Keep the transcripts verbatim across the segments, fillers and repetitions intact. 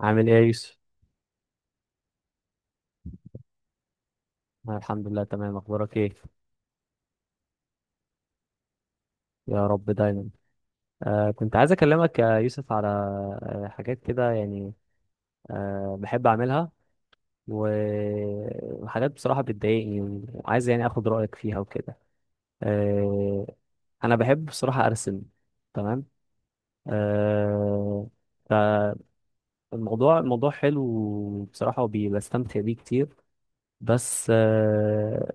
عامل ايه يا يوسف؟ أنا الحمد لله تمام، اخبارك ايه؟ يا رب دايما. آه كنت عايز اكلمك يا يوسف على آه حاجات كده، يعني آه بحب اعملها، و- وحاجات بصراحة بتضايقني وعايز يعني اخد رأيك فيها وكده. آه انا بحب بصراحة ارسم. تمام. آه فالموضوع الموضوع حلو بصراحة وبستمتع بيه كتير. بس آه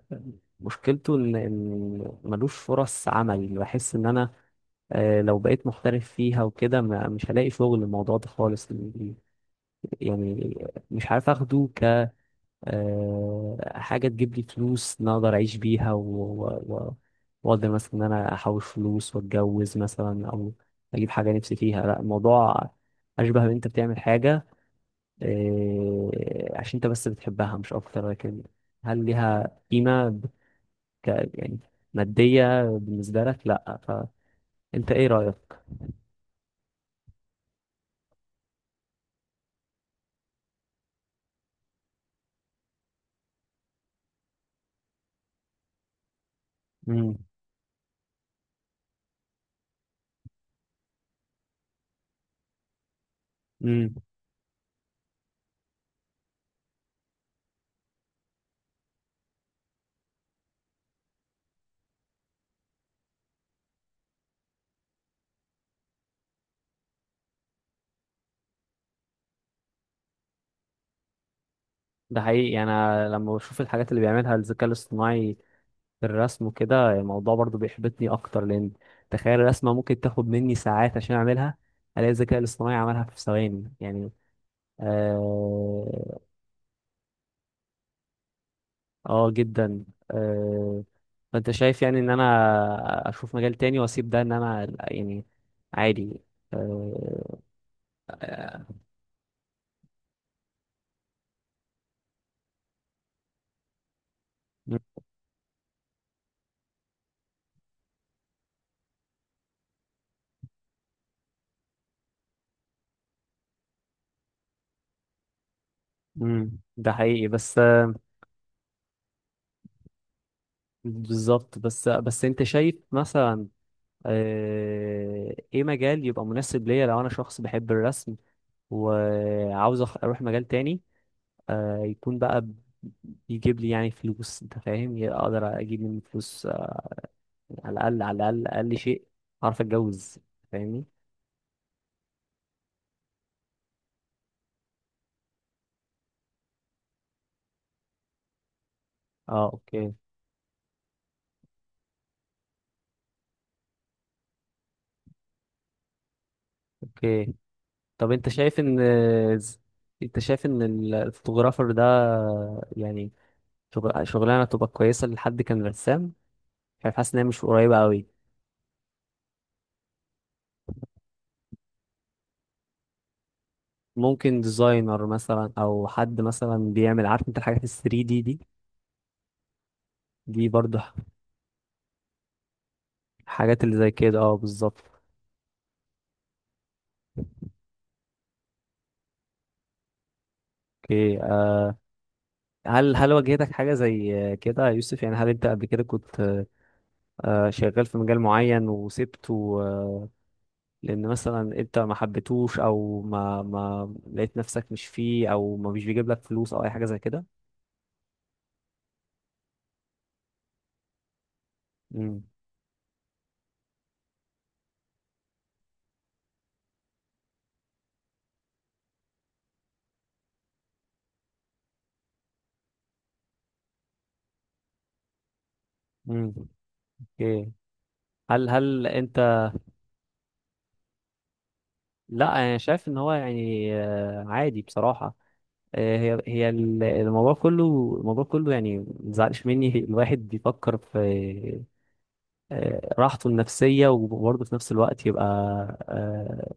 مشكلته ان إن ملوش فرص عمل، بحس ان انا آه، لو بقيت محترف فيها وكده ما- مش هلاقي شغل الموضوع ده خالص، يعني مش عارف اخده ك آه، حاجة تجيب لي فلوس، إن أنا اقدر اعيش بيها و... و... و... واقدر مثلا ان انا احوش فلوس واتجوز مثلا، او اجيب حاجة نفسي فيها، لا الموضوع اشبه ان انت بتعمل حاجة آه، عشان انت بس بتحبها مش اكتر، لكن هل ليها قيمة ب- ك... يعني مادية بالنسبة لك؟ لا. فانت ايه رأيك؟ امم ده حقيقي، يعني انا لما بشوف الحاجات اللي بيعملها الذكاء الاصطناعي في الرسم وكده الموضوع برضو بيحبطني اكتر، لان تخيل الرسمه ممكن تاخد مني ساعات عشان اعملها، الاقي الذكاء الاصطناعي عملها في ثواني، يعني اه, آه جدا. آه فانت شايف يعني ان انا اشوف مجال تاني واسيب ده، ان انا يعني عادي؟ آه آه، مم، ده حقيقي بس. بالظبط، بس بس انت شايف مثلا آه، ايه مجال يبقى مناسب ليا لو انا شخص بحب الرسم، وعاوز أخ- اروح مجال تاني آه، يكون بقى بيجيب لي يعني فلوس، انت فاهم، يعني اقدر اجيب منه فلوس آه، على الاقل، على الاقل اقل شيء اعرف اتجوز، فاهمني؟ اه، اوكي اوكي. طب انت شايف ان انت شايف ان ال- الفوتوغرافر ده، يعني شغل- شغلانه تبقى كويسه لحد كان رسام؟ شايف، حاسس ان هي مش قريبه قوي. ممكن ديزاينر مثلا، او حد مثلا بيعمل، عارف انت، الحاجات ال ثلاثة دي دي دي، برضو ح- الحاجات اللي زي كده، اه بالظبط. اوكي آه، هل هل واجهتك حاجة زي آه، كده يا يوسف؟ يعني هل انت قبل كده كنت آه، آه، شغال في مجال معين وسبته آه، لان مثلا انت ما حبيتهوش، او ما ما لقيت نفسك مش فيه، او ما مش بيجيب لك فلوس، او اي حاجة زي كده؟ امم امم اوكي. هل هل انت... لا، انا شايف ان هو يعني آه، عادي بصراحة آه، هي هي ال- الموضوع كله، الموضوع كله، يعني ما تزعلش مني، الواحد بيفكر في آه، راحته النفسية، وبرضه في نفس الوقت يبقى آه،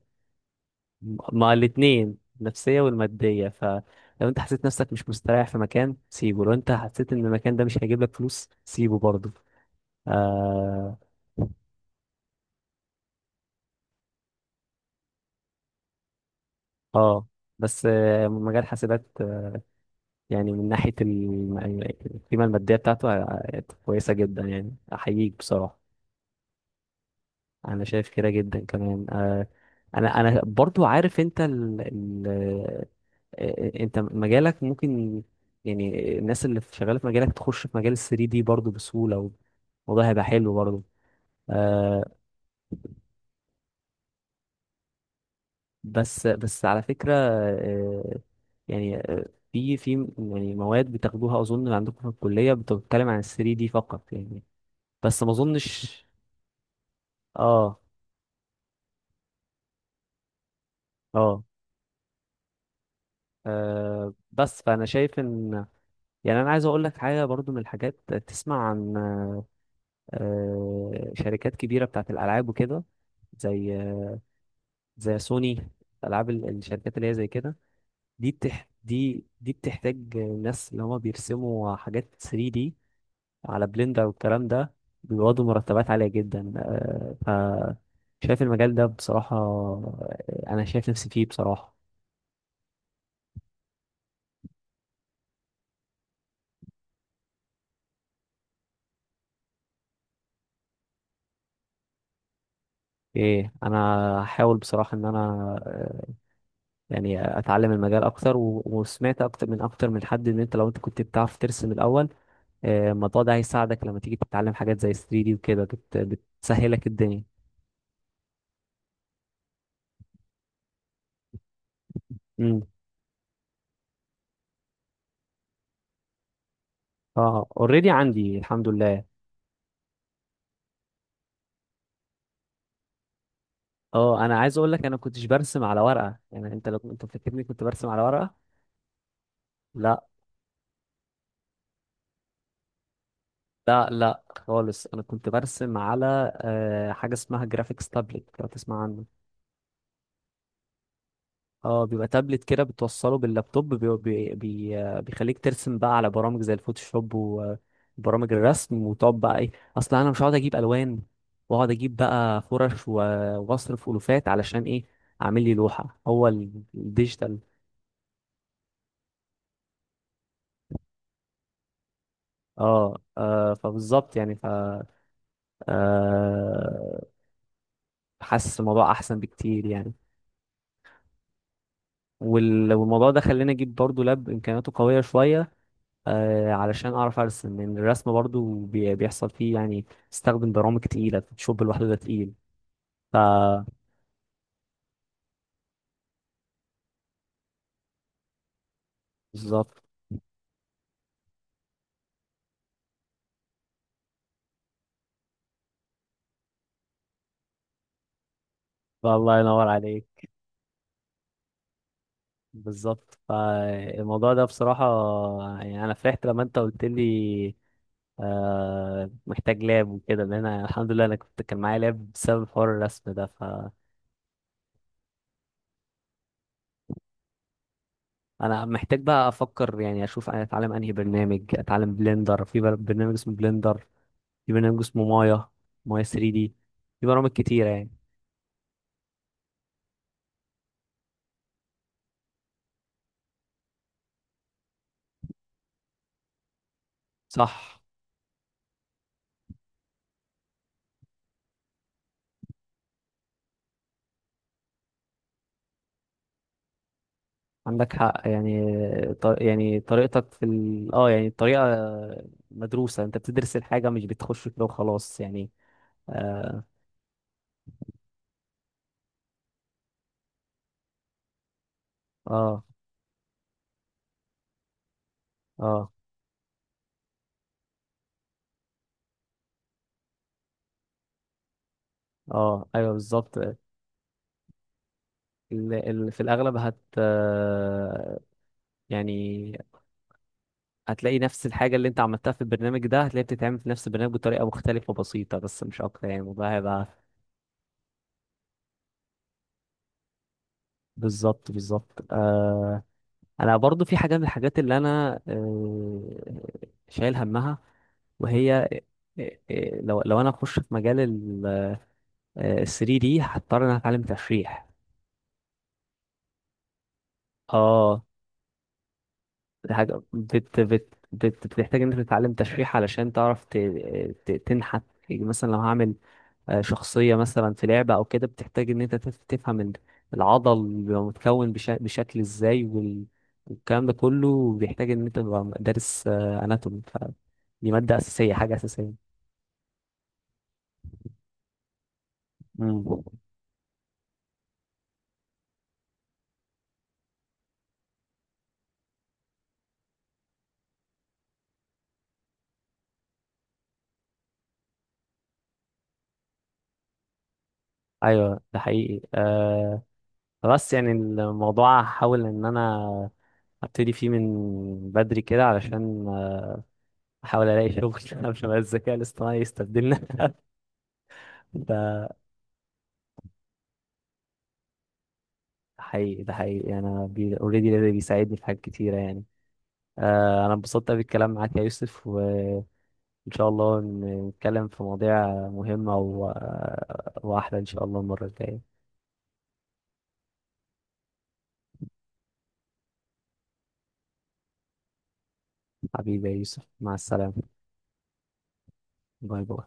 مع الاتنين النفسية والمادية. فلو انت حسيت نفسك مش مستريح في مكان، سيبه. لو انت حسيت ان المكان ده مش هيجيب لك فلوس، سيبه برضه. اه آه. بس آه، مجال حاسبات آه، يعني من ناحية الم- القيمة المادية بتاعته آه، كويسة جدا، يعني أحييك بصراحة. انا شايف كده جدا، كمان آه. انا انا برضو عارف انت ال ال آه، آه، انت مجالك ممكن، يعني الناس اللي في- شغاله في مجالك تخش في مجال ال ثلاثة دي برضو بسهوله، والموضوع هيبقى حلو برضو. آه. بس بس على فكره آه، يعني آه، في في يعني مواد بتاخدوها اظن عندكم في الكليه بتتكلم عن ال ثري دي فقط، يعني بس ما اظنش. اه اه آه، بس فانا شايف ان، يعني انا عايز اقول لك حاجه برضو، من الحاجات تسمع عن آه، آه، شركات كبيره بتاعت الالعاب وكده، زي آه، زي سوني، العاب ال- الشركات اللي هي زي كده، دي بتح دي دي بتحتاج ناس اللي هما بيرسموا حاجات ثلاثة دي على بلندر والكلام ده، بيقبضوا مرتبات عاليه جدا آه، ف شايف المجال ده بصراحه آه، انا شايف نفسي فيه بصراحه. ايه، انا هحاول بصراحه ان انا آه، يعني اتعلم المجال اكتر، و- وسمعت اكتر من اكتر من حد ان انت، لو انت كنت بتعرف ترسم الاول آه، الموضوع ده هيساعدك لما تيجي تتعلم حاجات زي ثلاثة دي وكده، بت- بتسهلك الدنيا. امم اه اوريدي عندي الحمد لله. اه، انا عايز اقول لك، انا كنتش برسم على ورقه، يعني انت لو انت فاكرني كنت برسم على ورقه، لا لا لا خالص، انا كنت برسم على آه، حاجه اسمها جرافيكس تابلت، لو تسمع عنها. اه، بيبقى تابلت كده بتوصله باللابتوب بي بي بي آه، بيخليك ترسم بقى على برامج زي الفوتوشوب وبرامج الرسم، وتقعد بقى ايه؟ اصل انا مش هقعد اجيب الوان واقعد اجيب بقى فرش و- واصرف الوفات علشان ايه؟ اعمل لي لوحة، هو ال- الديجيتال. اه آه، فبالظبط، يعني ف آه، حاسس الموضوع احسن بكتير يعني. وال- والموضوع ده خلاني اجيب برضو لاب امكانياته قوية شوية آه، علشان اعرف ارسم، لان الرسم برضو بي- بيحصل فيه يعني استخدم برامج تقيله، الفوتوشوب لوحده ده تقيل. ف بالظبط. فالله ينور عليك. بالظبط، فالموضوع ده بصراحه يعني انا فرحت لما انت قلت لي آه، محتاج لاب وكده، لان انا الحمد لله انا كنت كان معايا لاب بسبب حوار الرسم ده، فانا محتاج بقى افكر، يعني اشوف انا اتعلم انهي برنامج، اتعلم بلندر، في بر- برنامج اسمه بلندر، في برنامج اسمه مايا، مايا ثلاثة دي، في برامج كتيره يعني. صح. عندك حق، يعني ط- يعني طريقتك في ال... اه يعني الطريقة مدروسة، انت بتدرس الحاجة مش بتخش كده وخلاص يعني. اه اه اه, آه. ايوه، بالظبط ال... ال... في الاغلب هت آه، يعني هتلاقي نفس الحاجة اللي انت عملتها في البرنامج ده، هتلاقيها بتتعمل في نفس البرنامج بطريقة مختلفة بسيطة بس، مش اكتر يعني، وده هيبقى بالظبط بالظبط آه. انا برضو في حاجه من الحاجات اللي انا آه، شايل همها، وهي آه، آه، لو لو انا اخش في مجال ال ثري دي، هضطر ان انا اتعلم تشريح. اه، دي حاجه بت بت بت بتحتاج ان انت تتعلم تشريح علشان تعرف ت- آه، ت- تنحت، يعني مثلا لو هعمل آه، شخصية مثلا في لعبة أو كده، بتحتاج إن أنت تف- تفهم ال- العضل بيبقى متكون بشا- بشكل إزاي، وال- والكلام ده كله بيحتاج إن أنت تبقى دارس أناتومي، فدي مادة أساسية، حاجة أساسية. مم. أيوه ده حقيقي أه. بس يعني الموضوع هحاول إن أنا أبتدي فيه من بدري كده، علشان آه، أحاول ألاقي شغل عشان بقى الذكاء الاصطناعي يستبدلنا ده حقيقي، ده حقيقي يعني. أنا أوريدي بيساعدني في حاجات كتيرة يعني آه، أنا انبسطت بالكلام معاك يا يوسف، وإن شاء الله ن- نتكلم في مواضيع مهمة و... وأحلى إن شاء الله المرة الجاية. حبيبي يا يوسف، مع السلامة. باي باي.